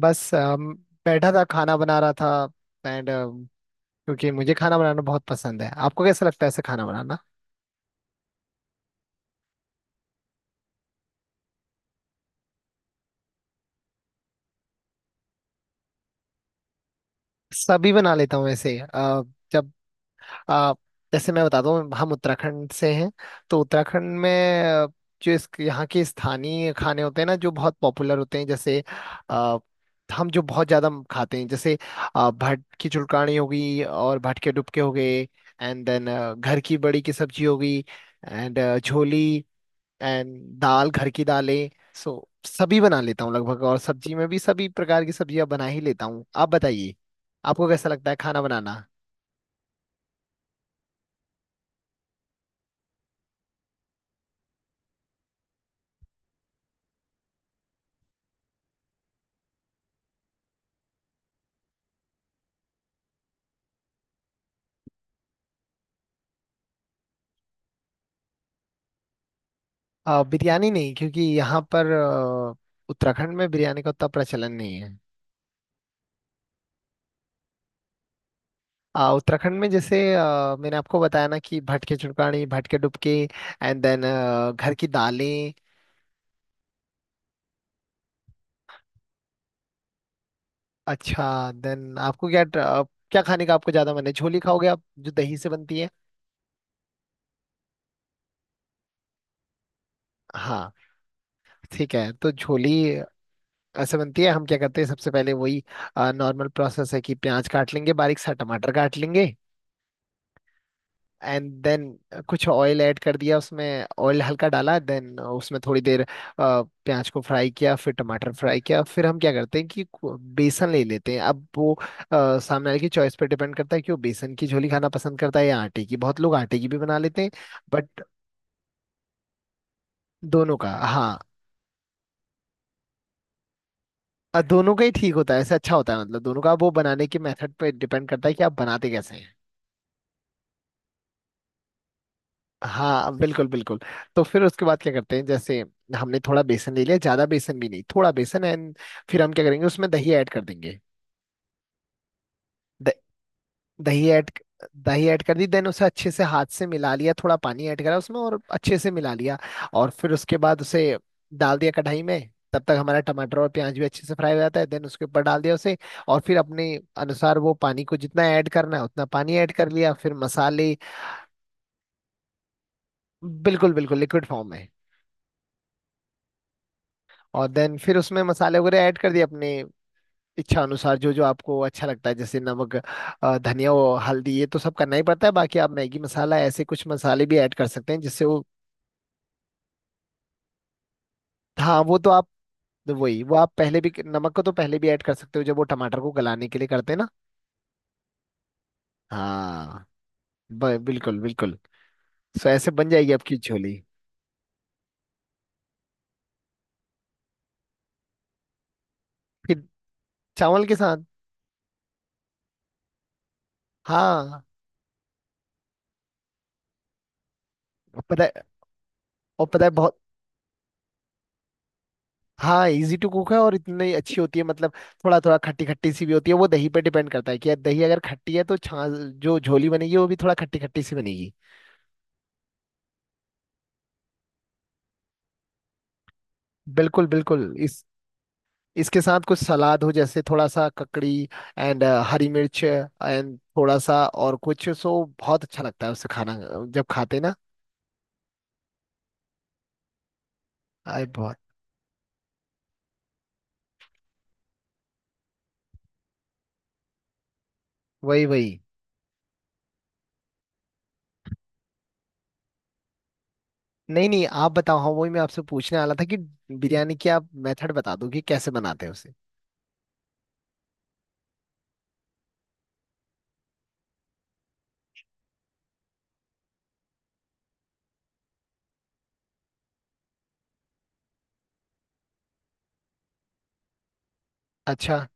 बस बैठा था खाना बना रहा था। एंड क्योंकि मुझे खाना बनाना बहुत पसंद है। आपको कैसा लगता है ऐसे खाना बनाना? सभी बना लेता हूँ ऐसे जब अ, जैसे मैं बताता हूँ हम उत्तराखंड से हैं। तो उत्तराखंड में जो इस यहाँ के स्थानीय खाने होते हैं ना जो बहुत पॉपुलर होते हैं, जैसे अ, हम जो बहुत ज्यादा खाते हैं, जैसे भट की चुड़कानी होगी और भट के डुबके हो गए। एंड देन घर की बड़ी की सब्जी होगी एंड झोली एंड दाल, घर की दालें। सो सभी बना लेता हूँ लगभग, और सब्जी में भी सभी प्रकार की सब्जियां बना ही लेता हूँ। आप बताइए, आपको कैसा लगता है खाना बनाना? बिरयानी नहीं, क्योंकि यहाँ पर उत्तराखंड में बिरयानी का उतना प्रचलन नहीं है। उत्तराखंड में जैसे मैंने आपको बताया ना कि भटके चुड़कानी, भटके डुबके एंड देन घर की दालें। अच्छा, देन आपको क्या खाने का आपको ज्यादा मन है? झोली खाओगे, आप? जो दही से बनती है। हाँ, ठीक है। तो झोली ऐसे बनती है। हम क्या करते हैं, सबसे पहले वही नॉर्मल प्रोसेस है, कि प्याज काट लेंगे बारीक सा, टमाटर काट लेंगे। एंड देन कुछ ऑयल ऐड कर दिया उसमें, ऑयल हल्का डाला। देन उसमें थोड़ी देर प्याज को फ्राई किया, फिर टमाटर फ्राई किया। फिर हम क्या करते हैं कि बेसन ले लेते हैं। अब वो सामने वाले की चॉइस पे डिपेंड करता है कि वो बेसन की झोली खाना पसंद करता है या आटे की। बहुत लोग आटे की भी बना लेते हैं। बट दोनों का, हाँ। दोनों का ही ठीक होता है, ऐसे अच्छा होता है। मतलब दोनों का वो बनाने के मेथड पे डिपेंड करता है कि आप बनाते कैसे हैं। हाँ, बिल्कुल बिल्कुल। तो फिर उसके बाद क्या करते हैं, जैसे हमने थोड़ा बेसन ले लिया, ज्यादा बेसन भी नहीं, थोड़ा बेसन। एंड फिर हम क्या करेंगे, उसमें दही ऐड कर देंगे। द, दही ऐड दही ऐड कर दी। देन उसे अच्छे से हाथ से मिला लिया, थोड़ा पानी ऐड करा उसमें और अच्छे से मिला लिया। और फिर उसके बाद उसे डाल दिया कढ़ाई में। तब तक हमारा टमाटर और प्याज भी अच्छे से फ्राई हो जाता है। देन उसके ऊपर डाल दिया उसे। और फिर अपने अनुसार वो पानी को जितना ऐड करना है उतना पानी ऐड कर लिया, फिर मसाले। बिल्कुल बिल्कुल, लिक्विड फॉर्म में। और देन फिर उसमें मसाले वगैरह ऐड कर दिए, अपने इच्छा अनुसार जो जो आपको अच्छा लगता है, जैसे नमक, धनिया और हल्दी, ये तो सब करना ही पड़ता है। बाकी आप मैगी मसाला, ऐसे कुछ मसाले भी ऐड कर सकते हैं जिससे वो। हाँ, वो तो आप, वही वो आप पहले भी, नमक को तो पहले भी ऐड कर सकते हो जब वो टमाटर को गलाने के लिए करते हैं ना। हाँ, बिल्कुल बिल्कुल। सो ऐसे बन जाएगी आपकी झोली। फिर चावल के साथ। हाँ। और पता है और पता है बहुत। हाँ, इजी टू कुक है, और इतनी अच्छी होती है मतलब। थोड़ा थोड़ा खट्टी खट्टी सी भी होती है। वो दही पे डिपेंड करता है कि यार, दही अगर खट्टी है तो छाछ, जो झोली बनेगी वो भी थोड़ा खट्टी खट्टी सी बनेगी। बिल्कुल बिल्कुल। इस इसके साथ कुछ सलाद हो, जैसे थोड़ा सा ककड़ी एंड हरी मिर्च एंड थोड़ा सा और कुछ, सो बहुत अच्छा लगता है उससे खाना जब खाते हैं ना। अरे बहुत, वही वही। नहीं नहीं, आप बताओ। हाँ वही, मैं आपसे पूछने वाला था कि बिरयानी की आप मेथड बता दो कि कैसे बनाते हैं उसे। अच्छा।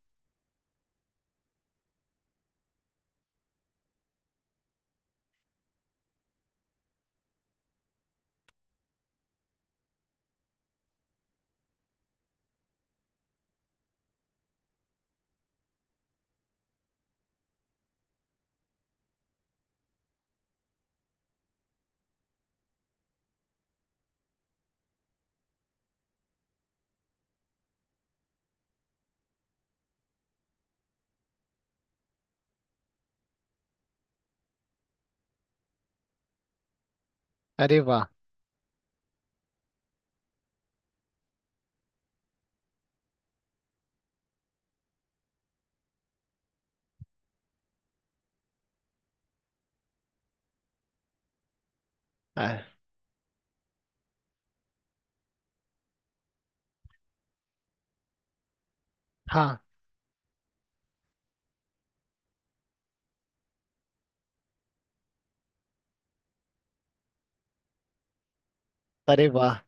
अरे वाह। अ, हाँ। अरे वाह।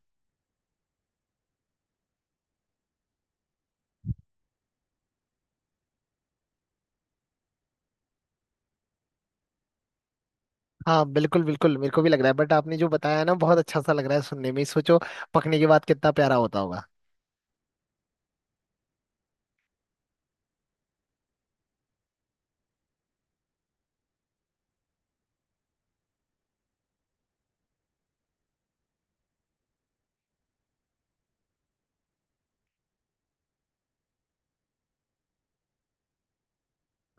हाँ बिल्कुल बिल्कुल, मेरे को भी लग रहा है। बट आपने जो बताया है ना, बहुत अच्छा सा लग रहा है सुनने में। सोचो पकने के बाद कितना प्यारा होता होगा।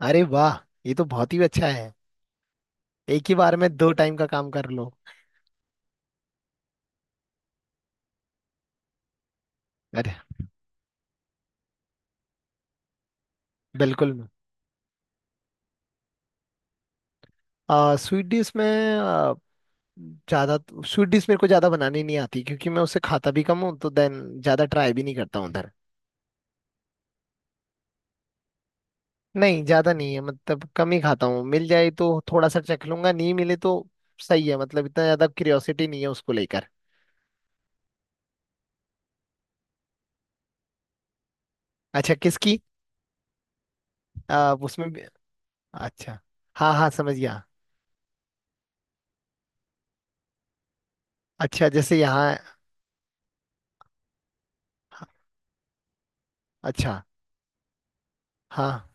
अरे वाह, ये तो बहुत ही अच्छा है। एक ही बार में दो टाइम का काम कर लो। अरे बिल्कुल। स्वीट डिश में, आ, ज्यादा स्वीट डिश मेरे को ज्यादा बनानी नहीं आती, क्योंकि मैं उसे खाता भी कम हूँ, तो देन ज्यादा ट्राई भी नहीं करता हूँ उधर। नहीं ज्यादा नहीं है, मतलब कम ही खाता हूँ। मिल जाए तो थोड़ा सा चख लूंगा, नहीं मिले तो सही है। मतलब इतना ज्यादा क्यूरियोसिटी नहीं है उसको लेकर। अच्छा, किसकी? उसमें। अच्छा, हाँ हाँ समझ गया। अच्छा, जैसे यहाँ। हाँ। अच्छा, हाँ।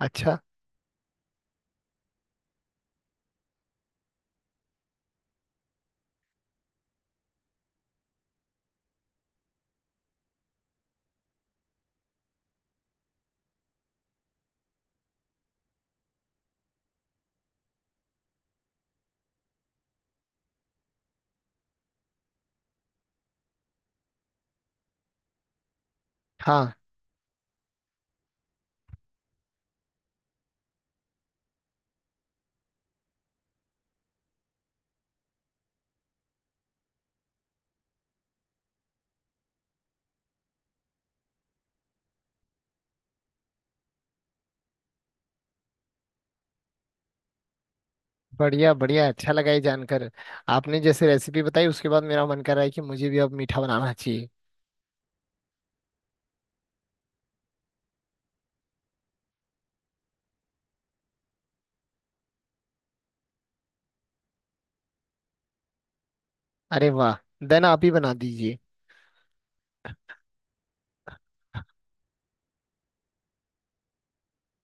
अच्छा, हाँ। बढ़िया बढ़िया, अच्छा लगा ये जानकर। आपने जैसे रेसिपी बताई, उसके बाद मेरा मन कर रहा है कि मुझे भी अब मीठा बनाना चाहिए। अरे वाह, देन आप ही बना दीजिए।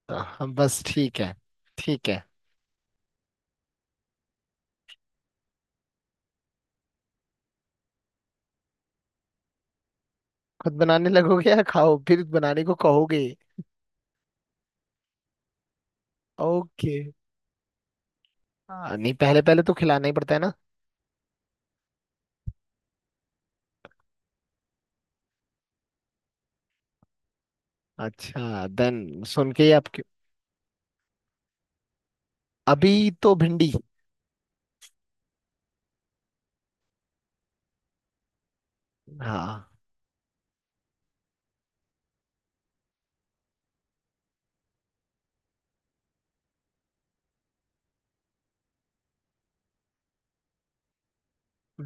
तो हम बस, ठीक है। ठीक है। खुद बनाने लगोगे, या खाओ फिर बनाने को कहोगे? ओके। हाँ, नहीं, पहले पहले तो खिलाना ही पड़ता है ना। अच्छा, देन सुन के ही आपके। अभी तो भिंडी। हाँ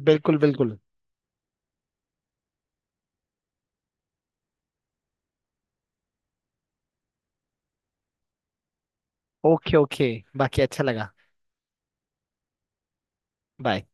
बिल्कुल बिल्कुल। Okay okay. बाकी अच्छा लगा। बाय।